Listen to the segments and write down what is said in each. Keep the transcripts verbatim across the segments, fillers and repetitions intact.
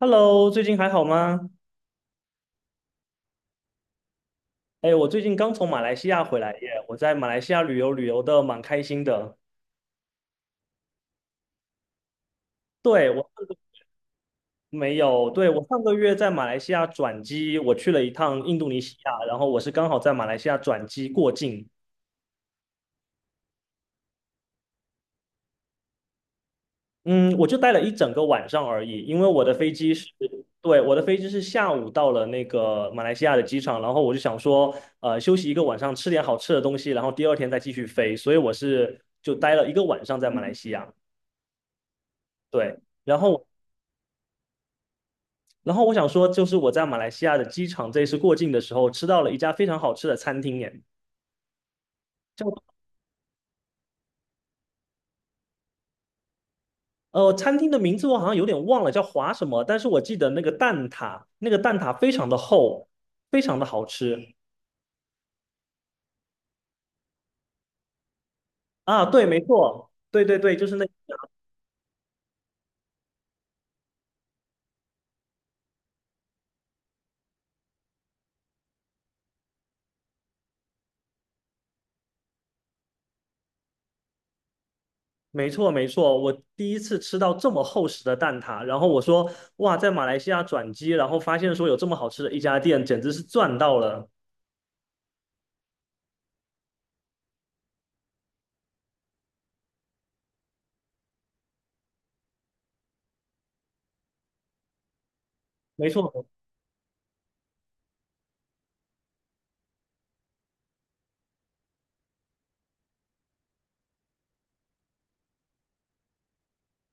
Hello，最近还好吗？哎，我最近刚从马来西亚回来耶，我在马来西亚旅游旅游的蛮开心的。对，我上个没有，对，我上个月在马来西亚转机，我去了一趟印度尼西亚，然后我是刚好在马来西亚转机过境。嗯，我就待了一整个晚上而已，因为我的飞机是，对，我的飞机是下午到了那个马来西亚的机场，然后我就想说，呃，休息一个晚上，吃点好吃的东西，然后第二天再继续飞，所以我是就待了一个晚上在马来西亚。对。然后然后我想说，就是我在马来西亚的机场这一次过境的时候，吃到了一家非常好吃的餐厅，耶，叫呃餐厅的名字我好像有点忘了，叫华什么，但是我记得那个蛋挞，那个蛋挞非常的厚，非常的好吃。啊，对，没错，对对对，就是那，没错没错，我第一次吃到这么厚实的蛋挞，然后我说哇，在马来西亚转机，然后发现说有这么好吃的一家店，简直是赚到了，没错。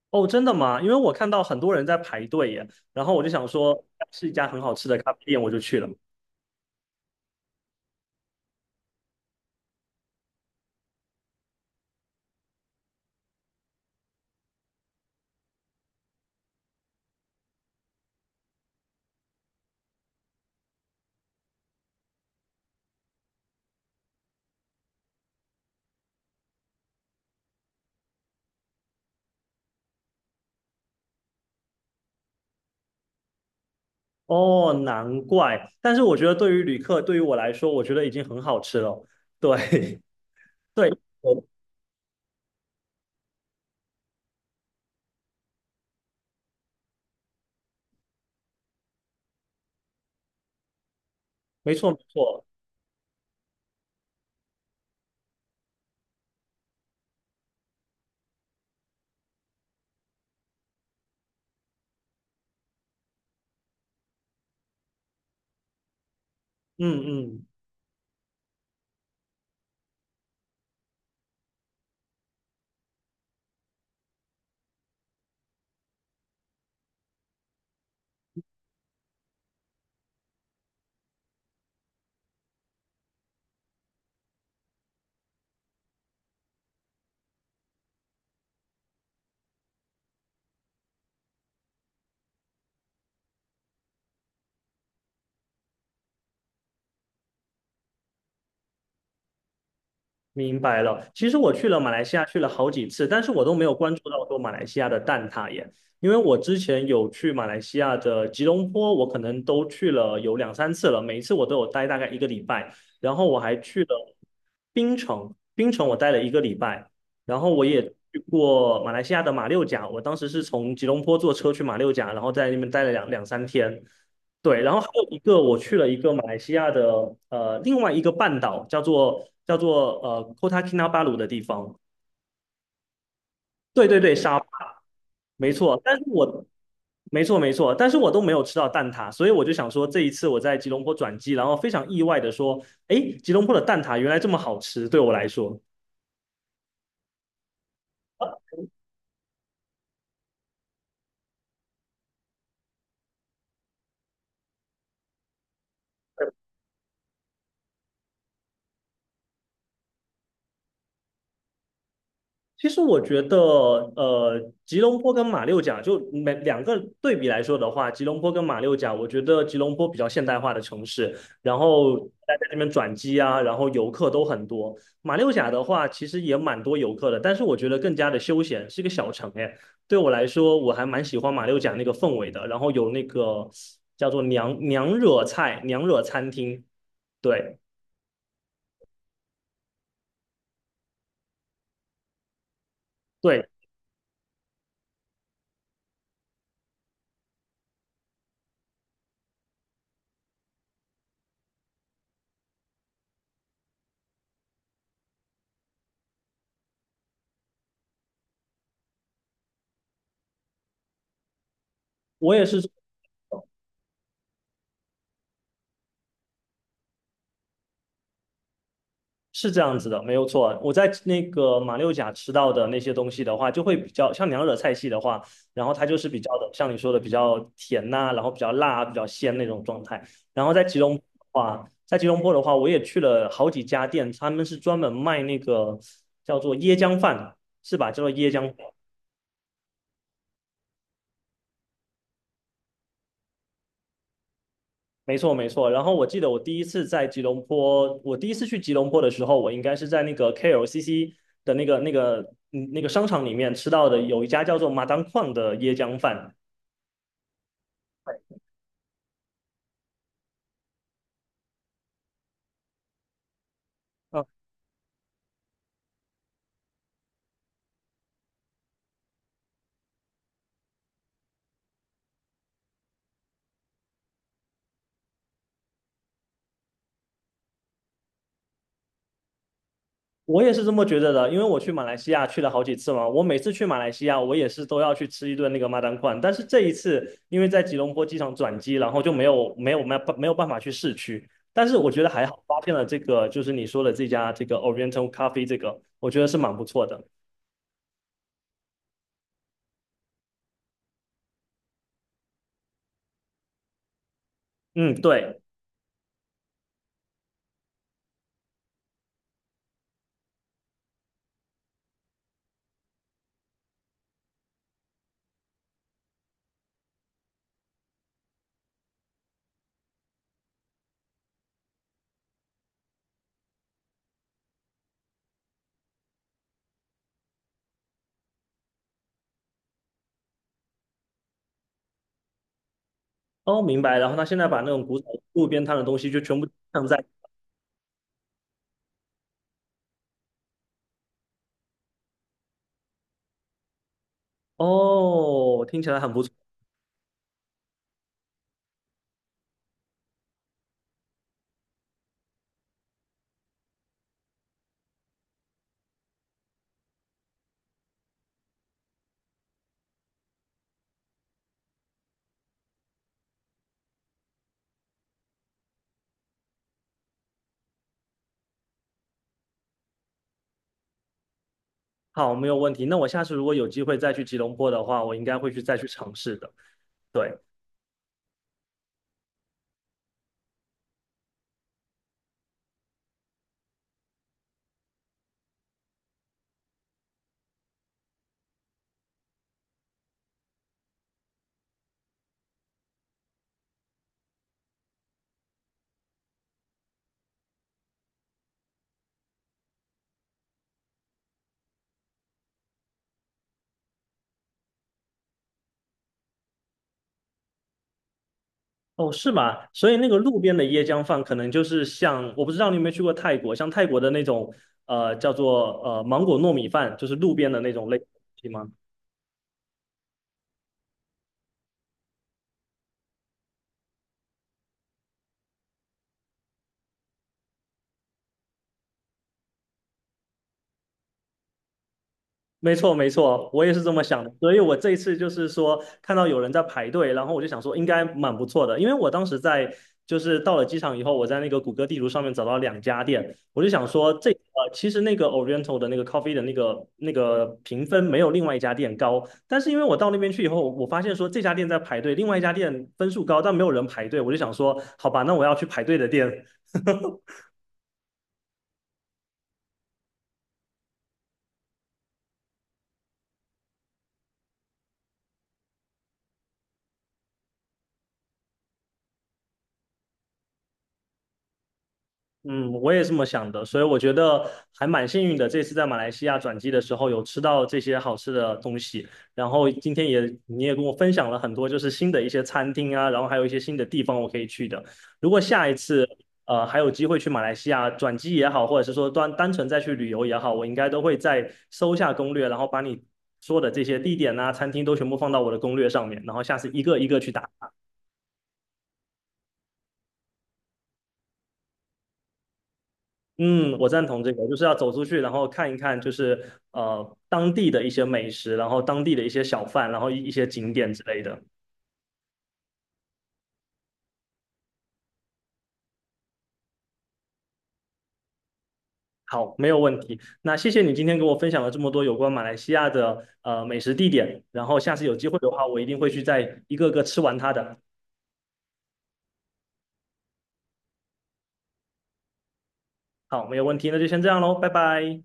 哦，真的吗？因为我看到很多人在排队耶，然后我就想说是一家很好吃的咖啡店，我就去了。哦，难怪。但是我觉得对于旅客，对于我来说，我觉得已经很好吃了。对，对，我没错没错。嗯嗯，明白了。其实我去了马来西亚，去了好几次，但是我都没有关注到说马来西亚的蛋挞耶。因为我之前有去马来西亚的吉隆坡，我可能都去了有两三次了，每一次我都有待大概一个礼拜。然后我还去了槟城，槟城我待了一个礼拜。然后我也去过马来西亚的马六甲，我当时是从吉隆坡坐车去马六甲，然后在那边待了两两三天。对，然后还有一个，我去了一个马来西亚的呃另外一个半岛，叫做叫做呃 Kota Kinabalu 的地方。对对对，沙巴没错。但是我没错没错，但是我都没有吃到蛋挞，所以我就想说，这一次我在吉隆坡转机，然后非常意外的说，诶，吉隆坡的蛋挞原来这么好吃，对我来说。其实我觉得，呃，吉隆坡跟马六甲就每两个对比来说的话，吉隆坡跟马六甲，我觉得吉隆坡比较现代化的城市，然后大家在这边转机啊，然后游客都很多。马六甲的话，其实也蛮多游客的，但是我觉得更加的休闲，是一个小城哎。对我来说，我还蛮喜欢马六甲那个氛围的，然后有那个叫做娘娘惹菜娘惹餐厅，对对，我也是。是这样子的，没有错。我在那个马六甲吃到的那些东西的话，就会比较像娘惹菜系的话，然后它就是比较的，像你说的比较甜呐、然后比较辣啊、比较鲜那种状态。然后在吉隆坡的话，在吉隆坡的话，我也去了好几家店，他们是专门卖那个叫做椰浆饭，是吧？叫做椰浆饭。没错，没错。然后我记得我第一次在吉隆坡，我第一次去吉隆坡的时候，我应该是在那个 K L C C 的那个、那个、嗯那个商场里面吃到的，有一家叫做马当矿的椰浆饭。啊，我也是这么觉得的，因为我去马来西亚去了好几次嘛，我每次去马来西亚，我也是都要去吃一顿那个马当矿。但是这一次，因为在吉隆坡机场转机，然后就没有没有没有没有办法去市区。但是我觉得还好，发现了这个就是你说的这家这个 Oriental Coffee 这个，我觉得是蛮不错的。嗯，对。哦，明白。然后他现在把那种古早路边摊的东西就全部放在，哦，听起来很不错。好，没有问题。那我下次如果有机会再去吉隆坡的话，我应该会去再去尝试的。对，哦，是吗？所以那个路边的椰浆饭，可能就是像，我不知道你有没有去过泰国，像泰国的那种，呃，叫做呃芒果糯米饭，就是路边的那种类型吗？没错，没错，我也是这么想的。所以我这一次就是说，看到有人在排队，然后我就想说，应该蛮不错的。因为我当时在就是到了机场以后，我在那个谷歌地图上面找到两家店，我就想说这，呃，其实那个 Oriental 的那个 coffee 的那个那个评分没有另外一家店高，但是因为我到那边去以后，我发现说这家店在排队，另外一家店分数高，但没有人排队，我就想说，好吧，那我要去排队的店。嗯，我也这么想的，所以我觉得还蛮幸运的。这次在马来西亚转机的时候，有吃到这些好吃的东西，然后今天也你也跟我分享了很多，就是新的一些餐厅啊，然后还有一些新的地方我可以去的。如果下一次呃还有机会去马来西亚转机也好，或者是说单单纯再去旅游也好，我应该都会再搜下攻略，然后把你说的这些地点啊、餐厅都全部放到我的攻略上面，然后下次一个一个去打。嗯，我赞同这个，就是要走出去，然后看一看，就是呃当地的一些美食，然后当地的一些小贩，然后一一些景点之类的。好，没有问题。那谢谢你今天给我分享了这么多有关马来西亚的呃美食地点，然后下次有机会的话，我一定会去再一个个吃完它的。好，没有问题，那就先这样喽，拜拜。